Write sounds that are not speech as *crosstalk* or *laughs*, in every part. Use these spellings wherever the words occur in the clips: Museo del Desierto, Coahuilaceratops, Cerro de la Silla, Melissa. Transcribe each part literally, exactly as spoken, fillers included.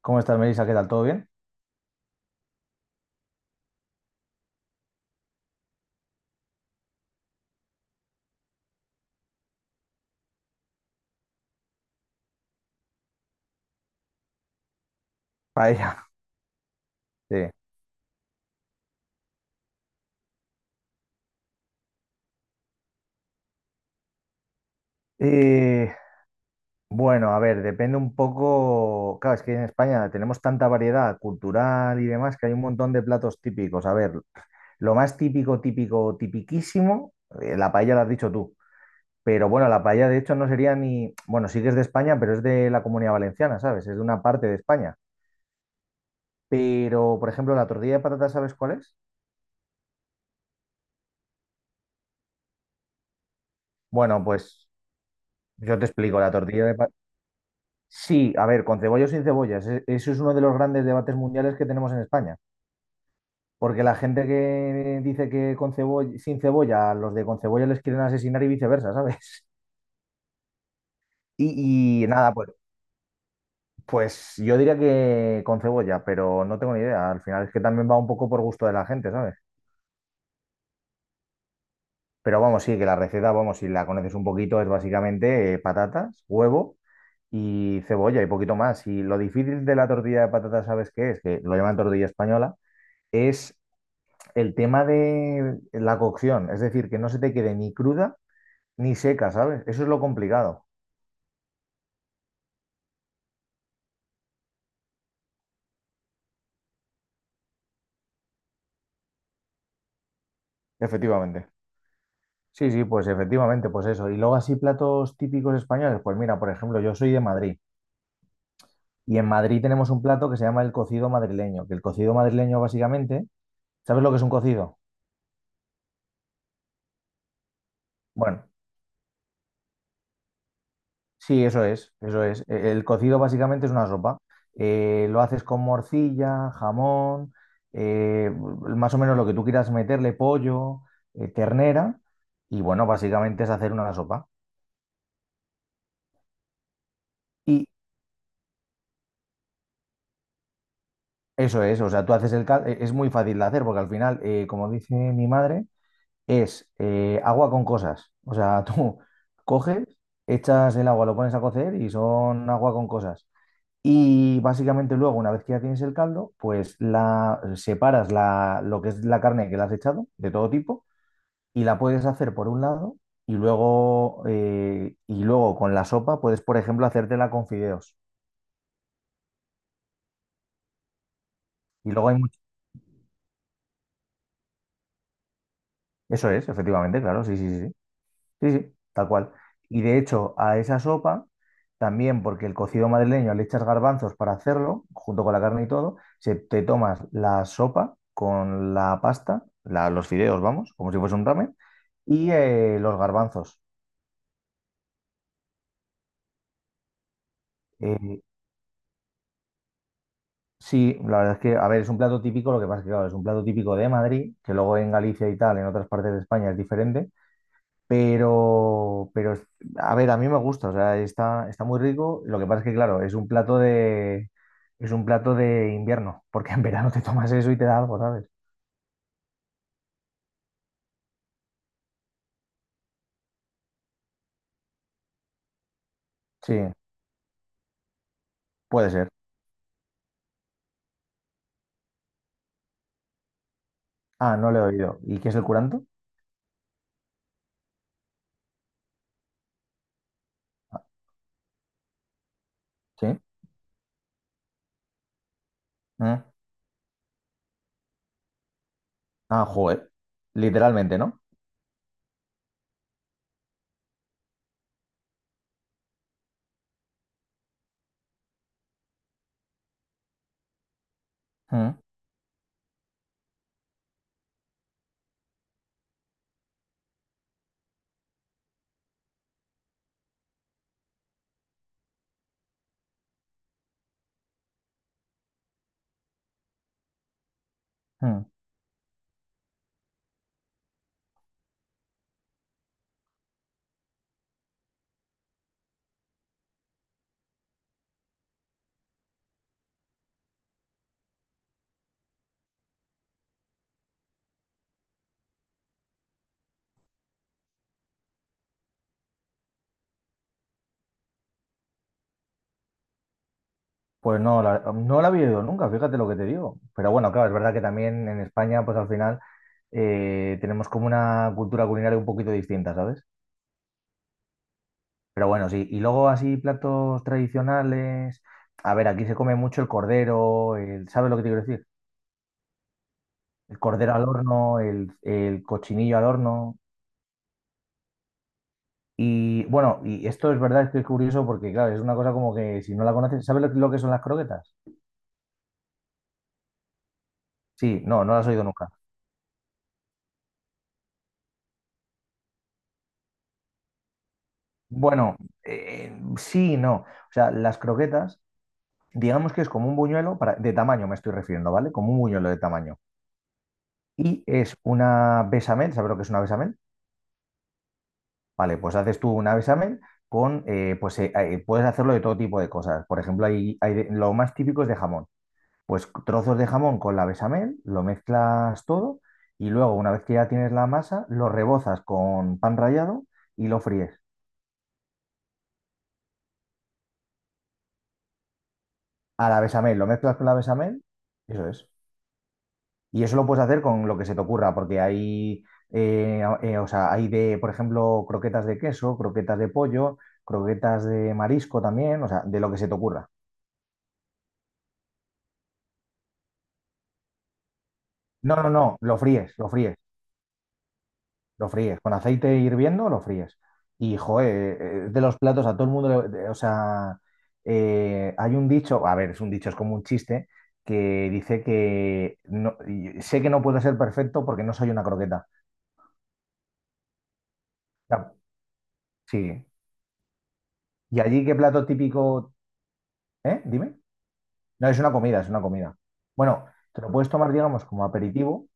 ¿Cómo estás, Melissa? ¿Qué tal? ¿Todo bien? Paella. *laughs* Sí. Y bueno, a ver, depende un poco. Claro, es que en España tenemos tanta variedad cultural y demás que hay un montón de platos típicos. A ver, lo más típico, típico, tipiquísimo, eh, la paella la has dicho tú. Pero bueno, la paella de hecho no sería ni. Bueno, sí que es de España, pero es de la Comunidad Valenciana, ¿sabes? Es de una parte de España. Pero, por ejemplo, la tortilla de patatas, ¿sabes cuál es? Bueno, pues yo te explico. La tortilla de, pa- Sí, a ver, con cebolla o sin cebollas. e- Eso es uno de los grandes debates mundiales que tenemos en España. Porque la gente que dice que con cebolla, sin cebolla, a los de con cebolla les quieren asesinar y viceversa, *laughs* ¿sabes? Y, y nada, pues, pues yo diría que con cebolla, pero no tengo ni idea. Al final es que también va un poco por gusto de la gente, ¿sabes? Pero vamos, sí, que la receta, vamos, si la conoces un poquito, es básicamente eh, patatas, huevo y cebolla y poquito más. Y lo difícil de la tortilla de patatas, ¿sabes qué es? Que lo llaman tortilla española es el tema de la cocción, es decir, que no se te quede ni cruda ni seca, ¿sabes? Eso es lo complicado. Efectivamente. Sí, sí, pues efectivamente, pues eso. Y luego así platos típicos españoles, pues mira, por ejemplo, yo soy de Madrid y en Madrid tenemos un plato que se llama el cocido madrileño, que el cocido madrileño básicamente, ¿sabes lo que es un cocido? Bueno, sí, eso es, eso es. E- El cocido básicamente es una sopa. Eh, lo haces con morcilla, jamón, eh, más o menos lo que tú quieras meterle, pollo, eh, ternera, y bueno, básicamente es hacer una sopa. Y eso es, o sea, tú haces el caldo, es muy fácil de hacer porque al final, eh, como dice mi madre, es eh, agua con cosas. O sea, *laughs* tú coges, echas el agua, lo pones a cocer y son agua con cosas. Y básicamente luego, una vez que ya tienes el caldo, pues la separas la, lo que es la carne que le has echado, de todo tipo, y la puedes hacer por un lado, y luego, eh, y luego con la sopa puedes, por ejemplo, hacértela con fideos. Y luego hay mucho. Eso es, efectivamente, claro, sí, sí, sí. Sí. Sí, sí. Tal cual. Y de hecho, a esa sopa, también porque el cocido madrileño le echas garbanzos para hacerlo, junto con la carne y todo, se, te tomas la sopa con la pasta, la- los fideos, vamos, como si fuese un ramen, y eh, los garbanzos. Eh, sí, la verdad es que, a ver, es un plato típico, lo que pasa es que, claro, es un plato típico de Madrid, que luego en Galicia y tal, en otras partes de España es diferente. Pero, pero, es- a ver, a mí me gusta, o sea, está, está muy rico. Lo que pasa es que, claro, es un plato de, es un plato de invierno, porque en verano te tomas eso y te da algo, ¿sabes? Sí, puede ser. Ah, no le he oído. ¿Y qué es el curanto? Sí. Mm. Ah, joder. Literalmente, ¿no? Mm, mm. Pues no, la- no la había oído nunca, fíjate lo que te digo. Pero bueno, claro, es verdad que también en España, pues al final eh, tenemos como una cultura culinaria un poquito distinta, ¿sabes? Pero bueno, sí. Y luego así platos tradicionales. A ver, aquí se come mucho el cordero, el, ¿sabes lo que te quiero decir? El cordero al horno, el, el cochinillo al horno. Y bueno, y esto es verdad, es que es curioso porque, claro, es una cosa como que si no la conoces, ¿sabes lo, lo que son las croquetas? Sí, no, no las he oído nunca. Bueno, eh, sí, y no. O sea, las croquetas, digamos que es como un buñuelo, para, de tamaño me estoy refiriendo, ¿vale? Como un buñuelo de tamaño. Y es una bechamel, ¿sabes lo que es una bechamel? Vale, pues haces tú un examen con, eh, pues eh, eh, puedes hacerlo de todo tipo de cosas. Por ejemplo, hay, hay de- lo más típico es de jamón. Pues trozos de jamón con la bechamel, lo mezclas todo y luego, una vez que ya tienes la masa, lo rebozas con pan rallado y lo fríes. A la bechamel, lo mezclas con la bechamel, eso es. Y eso lo puedes hacer con lo que se te ocurra, porque hay, eh, a- eh, o sea, hay de, por ejemplo, croquetas de queso, croquetas de pollo, croquetas de marisco también, o sea, de lo que se te ocurra. No, no, no, lo fríes, lo fríes, lo fríes. Con aceite hirviendo, lo fríes. Y, joder, eh, de los platos a todo el mundo, le- de- o sea, eh, hay un dicho, a ver, es un dicho, es como un chiste, que dice que no- y sé que no puedo ser perfecto porque no soy una croqueta. O sea, sí. ¿Y allí qué plato típico? ¿Eh? Dime. No, es una comida, es una comida. Bueno, te lo puedes tomar, digamos, como aperitivo,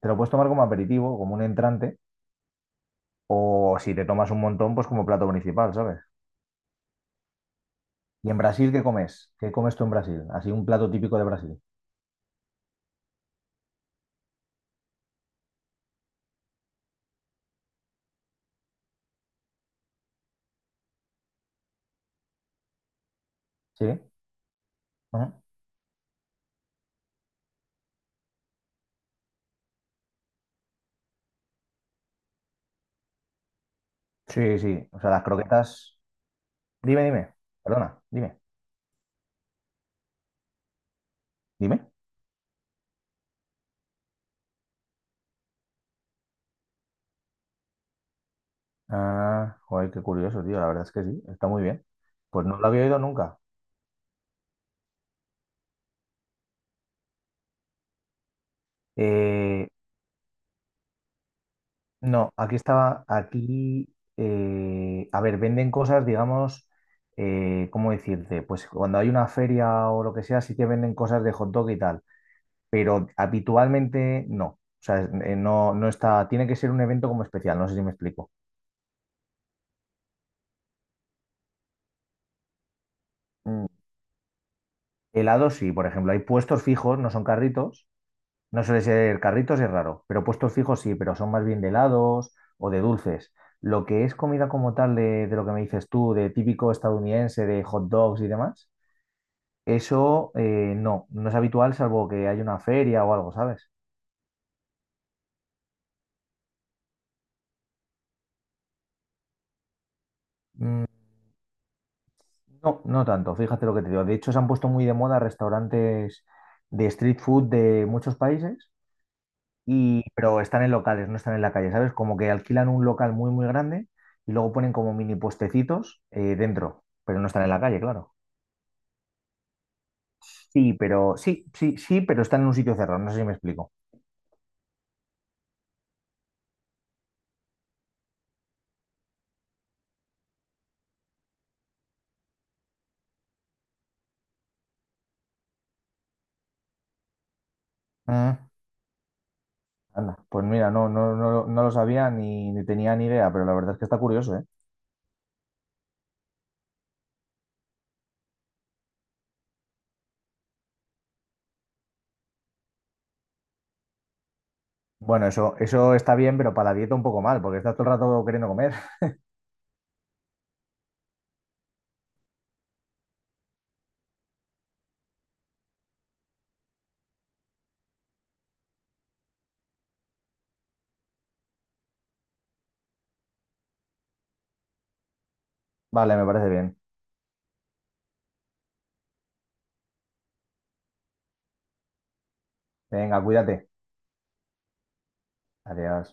te lo puedes tomar como aperitivo, como un entrante, o si te tomas un montón, pues como plato principal, ¿sabes? ¿Y en Brasil qué comes? ¿Qué comes tú en Brasil? Así un plato típico de Brasil. ¿Sí? Ajá. Sí, sí. O sea, las croquetas. Dime, dime. Perdona, dime. Dime. Ah, joder, qué curioso, tío. La verdad es que sí, está muy bien. Pues no lo había oído nunca. Eh, no, aquí estaba, aquí, eh, a ver, venden cosas, digamos, eh, ¿cómo decirte? Pues cuando hay una feria o lo que sea, sí que venden cosas de hot dog y tal, pero habitualmente no. O sea, eh, no, no está, tiene que ser un evento como especial, no sé si me explico. Mm. Helado sí, por ejemplo, hay puestos fijos, no son carritos, no suele ser carritos, es raro, pero puestos fijos sí, pero son más bien de helados o de dulces. Lo que es comida como tal de, de lo que me dices tú, de típico estadounidense, de hot dogs y demás, eso eh, no, no es habitual salvo que haya una feria o algo, ¿sabes? Mm. No, no tanto, fíjate lo que te digo. De hecho, se han puesto muy de moda restaurantes de street food de muchos países, y, pero están en locales, no están en la calle, ¿sabes? Como que alquilan un local muy, muy grande y luego ponen como mini puestecitos eh, dentro, pero no están en la calle, claro. Sí, pero sí, sí, sí, pero están en un sitio cerrado, no sé si me explico. Mm. Anda, pues mira, no, no, no, no lo sabía ni, ni tenía ni idea, pero la verdad es que está curioso, ¿eh? Bueno, eso, eso está bien, pero para la dieta un poco mal, porque estás todo el rato queriendo comer. *laughs* Vale, me parece bien. Venga, cuídate. Adiós.